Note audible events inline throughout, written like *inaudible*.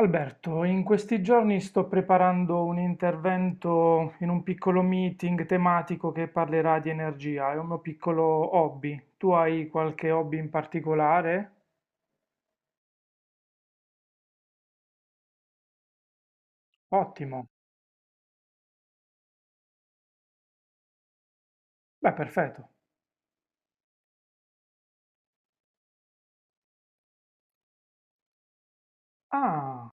Alberto, in questi giorni sto preparando un intervento in un piccolo meeting tematico che parlerà di energia, è un mio piccolo hobby. Tu hai qualche hobby in particolare? Ottimo, beh, perfetto. Ah,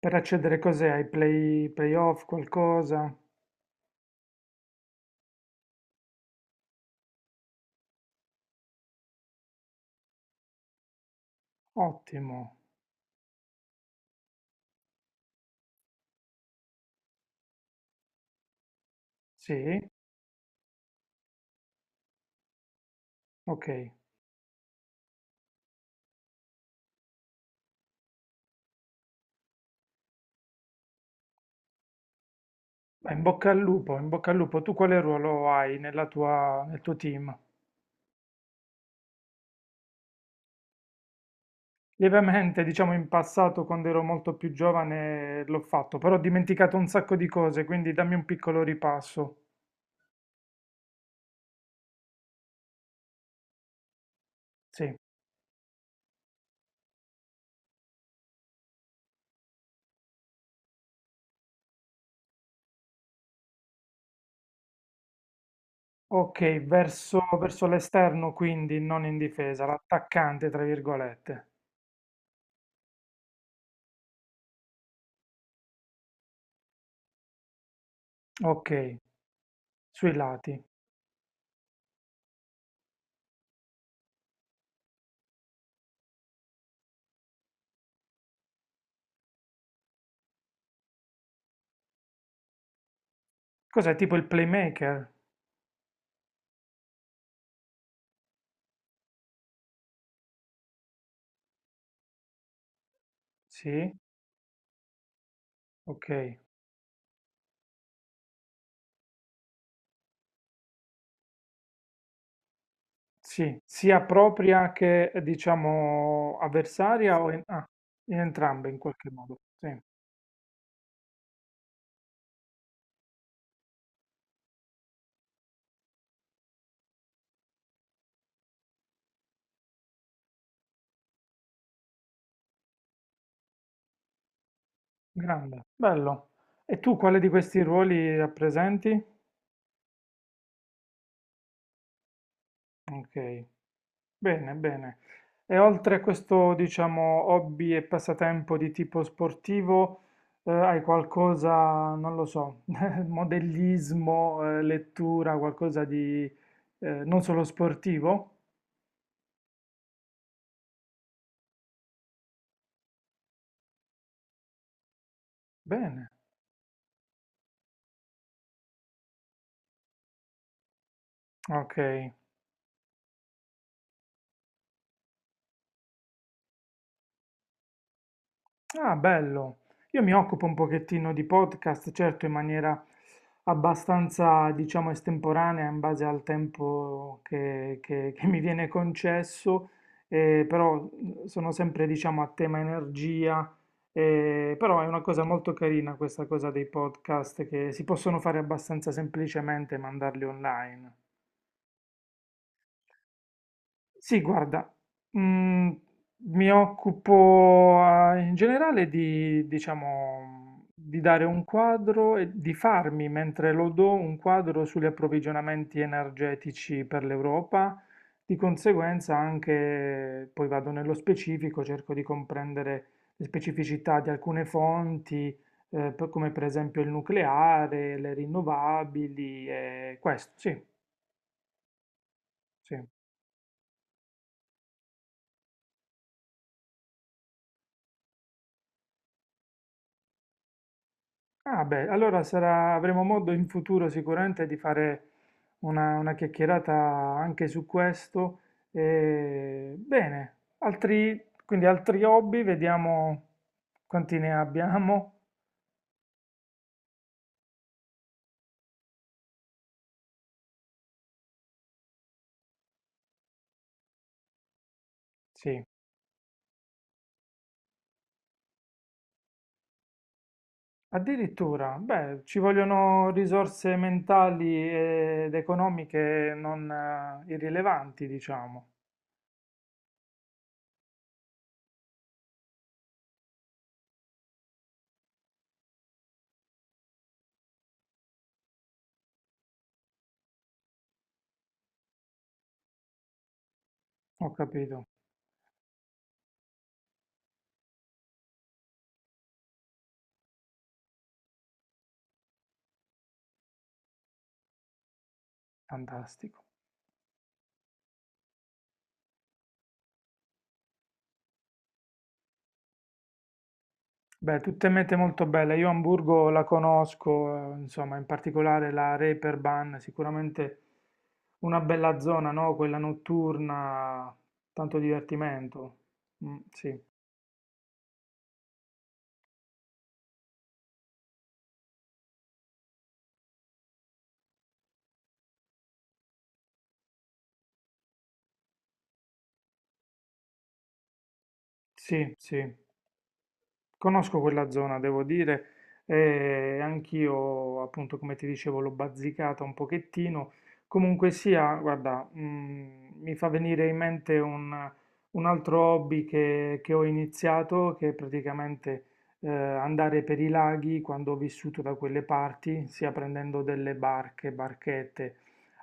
per accedere cos'è? Ai playoff, qualcosa? Ottimo, sì, ok. Beh, in bocca al lupo, in bocca al lupo. Tu quale ruolo hai nella tua, nel tuo team? Lievemente, diciamo in passato, quando ero molto più giovane, l'ho fatto, però ho dimenticato un sacco di cose, quindi dammi un piccolo ripasso. Sì. Ok, verso, verso l'esterno, quindi non in difesa, l'attaccante, tra virgolette. Ok, sui lati. Cos'è tipo il playmaker? Sì, ok. Sì, sia propria che diciamo avversaria o in, ah, in entrambe in qualche modo. Sì, grande, bello. E tu quale di questi ruoli rappresenti? Ok, bene, bene. E oltre a questo, diciamo, hobby e passatempo di tipo sportivo, hai qualcosa, non lo so, *laughs* modellismo, lettura, qualcosa di non solo sportivo? Bene, ok. Ah, bello. Io mi occupo un pochettino di podcast, certo in maniera abbastanza, diciamo, estemporanea in base al tempo che *laughs* che mi viene concesso, però sono sempre, diciamo, a tema energia, però è una cosa molto carina questa cosa dei podcast che si possono fare abbastanza semplicemente e mandarli online. Sì, guarda, mm, mi occupo in generale di, diciamo, di dare un quadro e di farmi, mentre lo do, un quadro sugli approvvigionamenti energetici per l'Europa. Di conseguenza anche, poi vado nello specifico, cerco di comprendere le specificità di alcune fonti, come per esempio il nucleare, le rinnovabili e questo, sì, sì. Ah beh, avremo modo in futuro sicuramente di fare una chiacchierata anche su questo. E, bene, altri, quindi altri hobby, vediamo quanti ne abbiamo. Sì, addirittura, beh, ci vogliono risorse mentali ed economiche non irrilevanti, diciamo. Ho capito, fantastico. Beh, tutte mete molto belle. Io Hamburgo la conosco, insomma, in particolare la Reeperbahn, sicuramente una bella zona, no? Quella notturna, tanto divertimento. Sì, sì, sì. Conosco quella zona, devo dire, e anch'io, appunto, come ti dicevo, l'ho bazzicata un pochettino. Comunque sia, guarda, mi fa venire in mente un altro hobby che ho iniziato, che è praticamente andare per i laghi quando ho vissuto da quelle parti, sia prendendo delle barche, barchette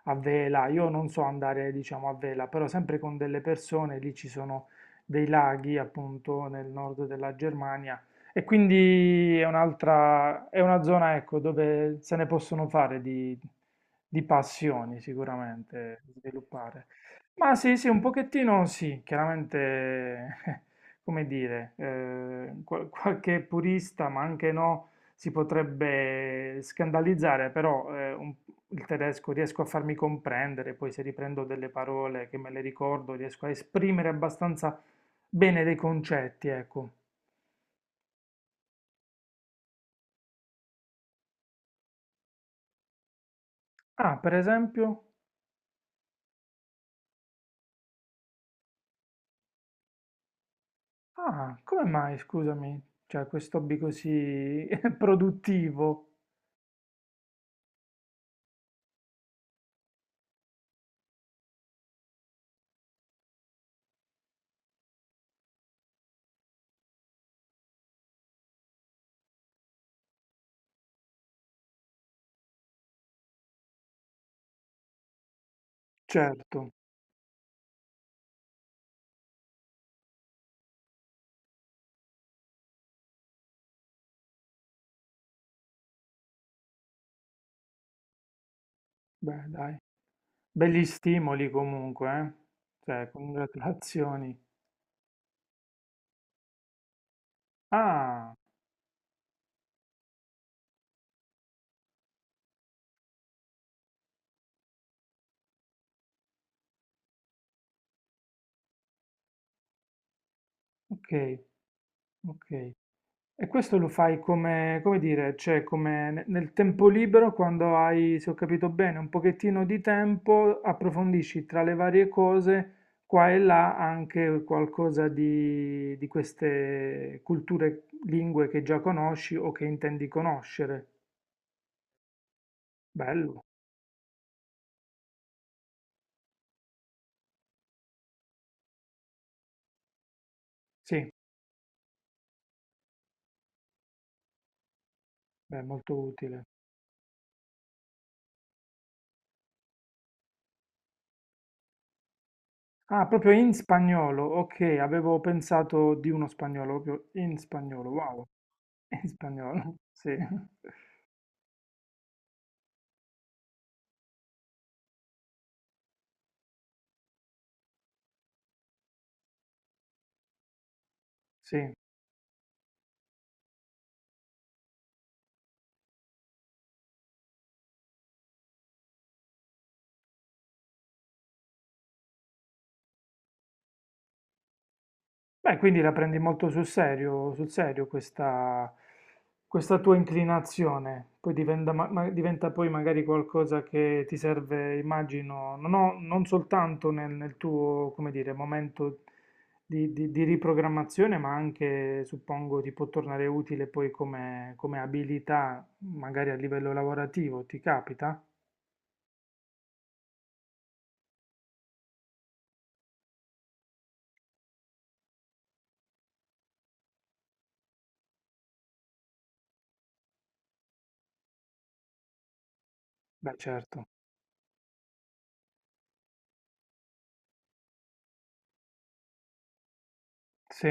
a vela. Io non so andare, diciamo, a vela, però sempre con delle persone, lì ci sono dei laghi, appunto, nel nord della Germania e quindi è un'altra, è una zona, ecco, dove se ne possono fare di passioni sicuramente sviluppare. Ma sì, sì, un pochettino sì, chiaramente, *laughs* come dire, qualche purista, ma anche no, si potrebbe scandalizzare, il tedesco riesco a farmi comprendere, poi se riprendo delle parole che me le ricordo, riesco a esprimere abbastanza bene dei concetti, ecco. Ah, per esempio? Ah, come mai, scusami, cioè questo hobby così *laughs* produttivo? Certo, beh, dai, belli stimoli comunque, eh? Cioè, congratulazioni. Ah, ok, ok. E questo lo fai come, come dire, cioè nel tempo libero, quando hai, se ho capito bene, un pochettino di tempo, approfondisci tra le varie cose, qua e là, anche qualcosa di queste culture, lingue che già conosci o che intendi conoscere. Bello, sì, beh, molto utile. Ah, proprio in spagnolo, ok, avevo pensato di uno spagnolo, proprio in spagnolo, wow, *laughs* in spagnolo, sì, sì. Beh, quindi la prendi molto sul serio questa, questa tua inclinazione, poi diventa, diventa poi magari qualcosa che ti serve, immagino, non soltanto nel, nel tuo, come dire, momento di, di riprogrammazione, ma anche, suppongo, ti può tornare utile poi come, come abilità, magari a livello lavorativo, ti capita? Beh, certo, sì,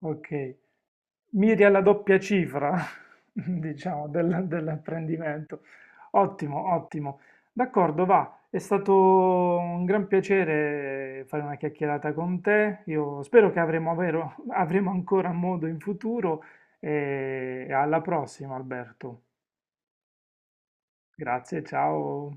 ok. Miri alla doppia cifra, *laughs* diciamo, dell'apprendimento. Ottimo, ottimo. D'accordo, va. È stato un gran piacere fare una chiacchierata con te. Io spero che avremo ancora modo in futuro e alla prossima, Alberto. Grazie, ciao.